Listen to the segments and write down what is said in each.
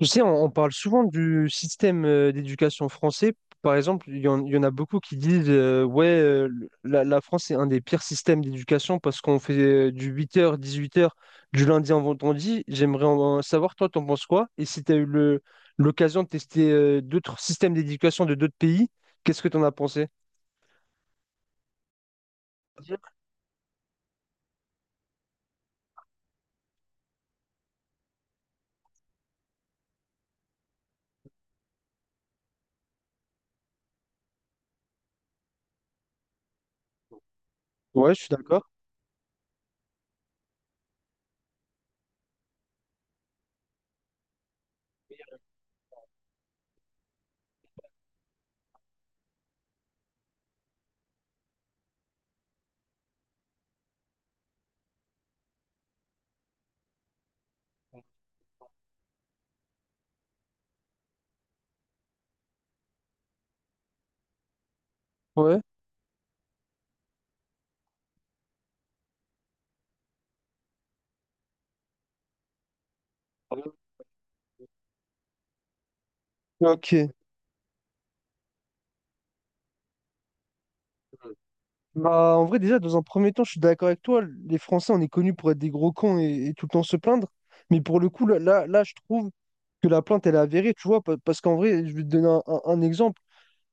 Tu sais, on parle souvent du système d'éducation français. Par exemple, il y en a beaucoup qui disent la France est un des pires systèmes d'éducation parce qu'on fait du 8h, 18h, du lundi au vendredi. J'aimerais en savoir, toi, t'en penses quoi? Et si tu as eu l'occasion de tester d'autres systèmes d'éducation de d'autres pays, qu'est-ce que t'en as pensé? Ouais, je suis d'accord. Ouais. Ok. Bah, en vrai, déjà, dans un premier temps, je suis d'accord avec toi. Les Français, on est connus pour être des gros cons et tout le temps se plaindre. Mais pour le coup, là, je trouve que la plainte, elle est avérée, tu vois. Parce qu'en vrai, je vais te donner un exemple.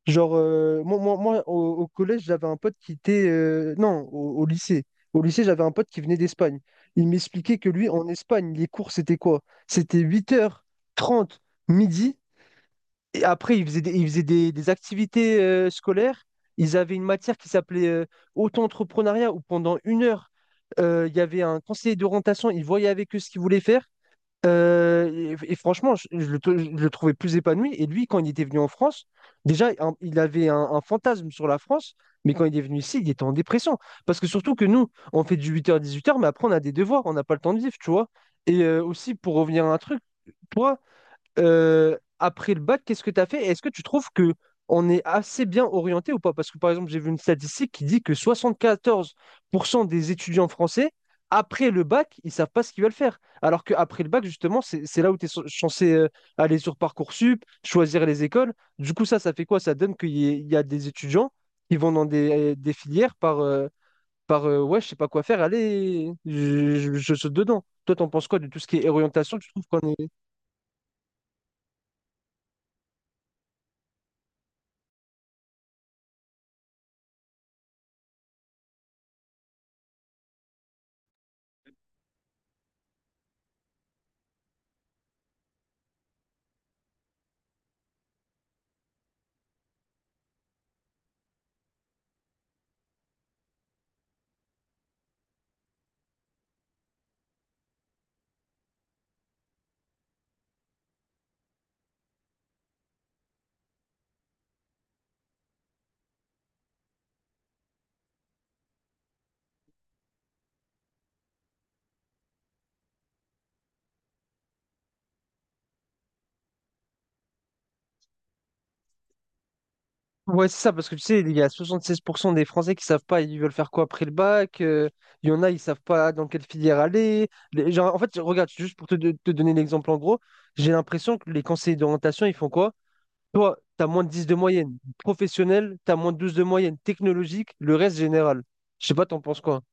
Genre, moi, au collège, j'avais un pote qui était. Non, au lycée. Au lycée, j'avais un pote qui venait d'Espagne. Il m'expliquait que lui, en Espagne, les cours, c'était quoi? C'était 8h30 midi. Et après, des activités scolaires. Ils avaient une matière qui s'appelait auto-entrepreneuriat, où pendant 1 heure, il y avait un conseiller d'orientation. Il voyait avec eux ce qu'ils voulaient faire. Et franchement, je le trouvais plus épanoui. Et lui, quand il était venu en France, déjà, il avait un fantasme sur la France. Mais quand il est venu ici, il était en dépression. Parce que surtout que nous, on fait du 8h-18h. Mais après, on a des devoirs, on n'a pas le temps de vivre, tu vois. Et aussi, pour revenir à un truc, toi, après le bac, qu'est-ce que tu as fait? Est-ce que tu trouves que on est assez bien orienté ou pas? Parce que par exemple, j'ai vu une statistique qui dit que 74% des étudiants français, après le bac, ils savent pas ce qu'ils veulent faire. Alors qu'après le bac, justement, c'est là où tu es censé aller sur Parcoursup, choisir les écoles. Du coup, ça fait quoi? Ça donne il y a des étudiants qui vont dans des filières par, par ouais, je sais pas quoi faire, allez, je saute dedans. Toi, t'en penses quoi de tout ce qui est orientation? Tu trouves qu'on est Ouais, c'est ça, parce que tu sais, il y a 76% des Français qui savent pas, ils veulent faire quoi après le bac. Il y en a, ils savent pas dans quelle filière aller. Genre, en fait, regarde, juste pour te donner l'exemple en gros, j'ai l'impression que les conseillers d'orientation, ils font quoi? Toi, tu as moins de 10 de moyenne. Professionnel, tu as moins de 12 de moyenne. Technologique, le reste général. Je sais pas, t'en penses quoi?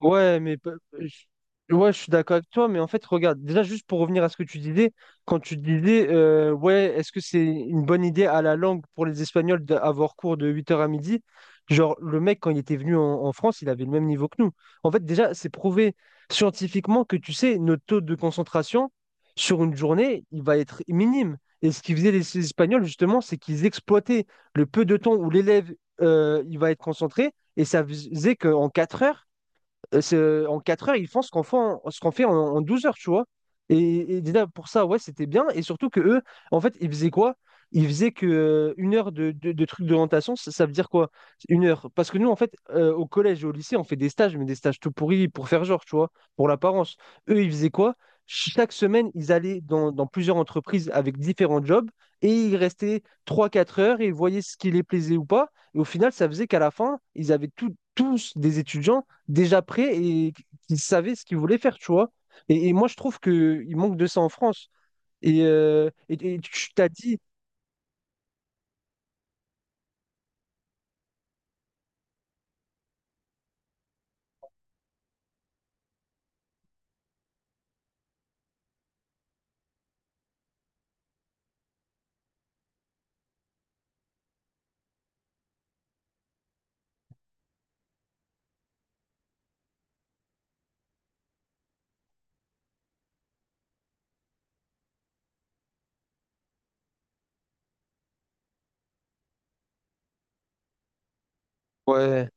Ouais, mais ouais, je suis d'accord avec toi, mais en fait, regarde, déjà juste pour revenir à ce que tu disais, quand tu disais, ouais, est-ce que c'est une bonne idée à la langue pour les Espagnols d'avoir cours de 8h à midi? Genre, le mec, quand il était venu en France, il avait le même niveau que nous. En fait, déjà, c'est prouvé scientifiquement que, tu sais, notre taux de concentration sur une journée, il va être minime. Et ce qu'ils faisaient les Espagnols, justement, c'est qu'ils exploitaient le peu de temps où l'élève, il va être concentré, et ça faisait qu'en 4 heures, en 4 heures, ils font ce qu'on fait en, en 12 heures, tu vois. Et déjà, pour ça, ouais, c'était bien. Et surtout que eux, en fait, ils faisaient quoi? Ils faisaient que 1 heure de trucs d'orientation, ça veut dire quoi? 1 heure. Parce que nous, en fait, au collège et au lycée, on fait des stages, mais des stages tout pourris pour faire genre, tu vois, pour l'apparence. Eux, ils faisaient quoi? Chaque semaine, ils allaient dans plusieurs entreprises avec différents jobs et ils restaient 3 4 heures et ils voyaient ce qui les plaisait ou pas. Et au final, ça faisait qu'à la fin, ils avaient tous des étudiants déjà prêts et qu'ils savaient ce qu'ils voulaient faire, tu vois. Et moi, je trouve qu'il manque de ça en France. Et, et tu t'as dit, ouais,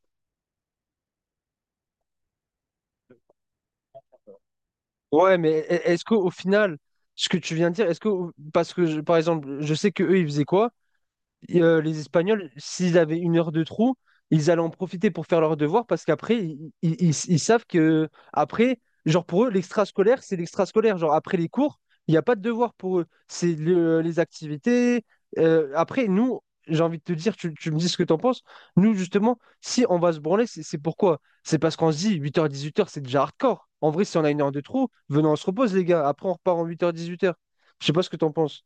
ouais, mais est-ce qu'au final, ce que tu viens de dire, est-ce que, par exemple, je sais que eux, ils faisaient quoi? Et, les Espagnols, s'ils avaient 1 heure de trou, ils allaient en profiter pour faire leurs devoirs parce qu'après, ils savent que, après, genre pour eux, l'extrascolaire, c'est l'extrascolaire. Genre après les cours, il n'y a pas de devoir pour eux. Les activités. Après, nous, j'ai envie de te dire, tu me dis ce que tu en penses. Nous, justement, si on va se branler, c'est pourquoi? C'est parce qu'on se dit 8h, 18h, c'est déjà hardcore. En vrai, si on a 1 heure de trou, venons, on se repose, les gars. Après, on repart en 8h, 18h. Je sais pas ce que tu en penses.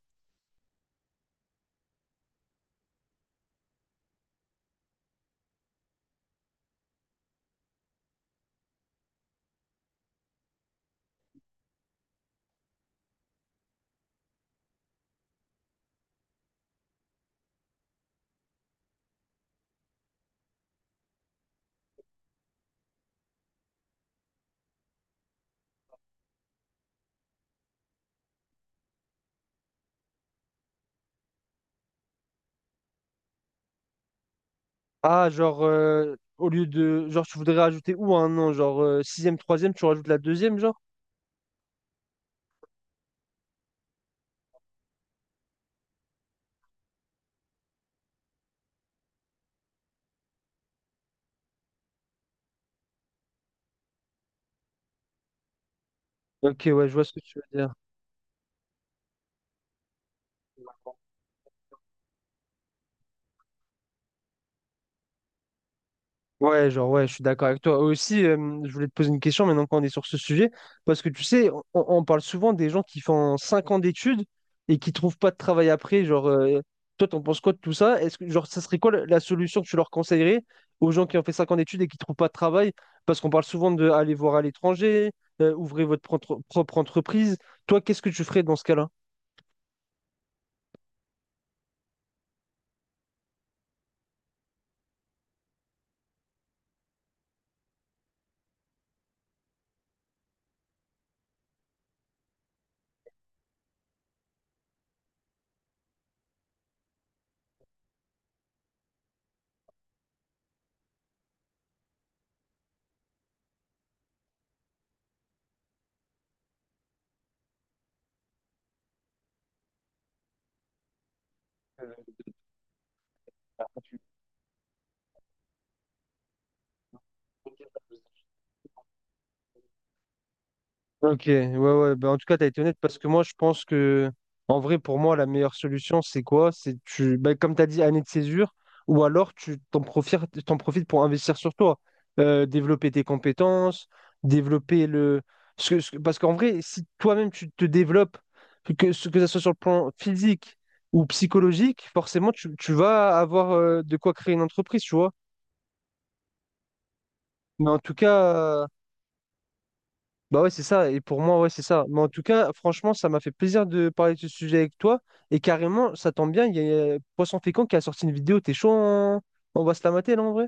Ah, genre, au lieu de. Genre, tu voudrais rajouter où un nom? Genre, sixième, troisième, tu rajoutes la deuxième, genre? Ok, ouais, je vois ce que tu veux dire. Ouais, genre, ouais, je suis d'accord avec toi. Aussi, je voulais te poser une question maintenant qu'on est sur ce sujet, parce que tu sais, on parle souvent des gens qui font 5 ans d'études et qui trouvent pas de travail après. Genre, toi, t'en penses quoi de tout ça? Est-ce que, genre, ça serait quoi la solution que tu leur conseillerais aux gens qui ont fait 5 ans d'études et qui trouvent pas de travail? Parce qu'on parle souvent de aller voir à l'étranger, ouvrez votre propre entreprise. Toi, qu'est-ce que tu ferais dans ce cas-là? Ok, ouais. Bah, en tout cas, tu as été honnête parce que moi, je pense que, en vrai, pour moi, la meilleure solution, c'est quoi? C'est tu, bah, comme tu as dit, année de césure, ou alors t'en profites pour investir sur toi, développer tes compétences, développer le. Parce qu'en vrai, si toi-même tu te développes, que ce que ça soit sur le plan physique ou psychologique, forcément, tu vas avoir de quoi créer une entreprise, tu vois. Mais en tout cas, Bah ouais, c'est ça. Et pour moi, ouais, c'est ça. Mais en tout cas, franchement, ça m'a fait plaisir de parler de ce sujet avec toi. Et carrément, ça tombe bien, il y a Poisson Fécond qui a sorti une vidéo. T'es chaud, on va se la mater, là, en vrai?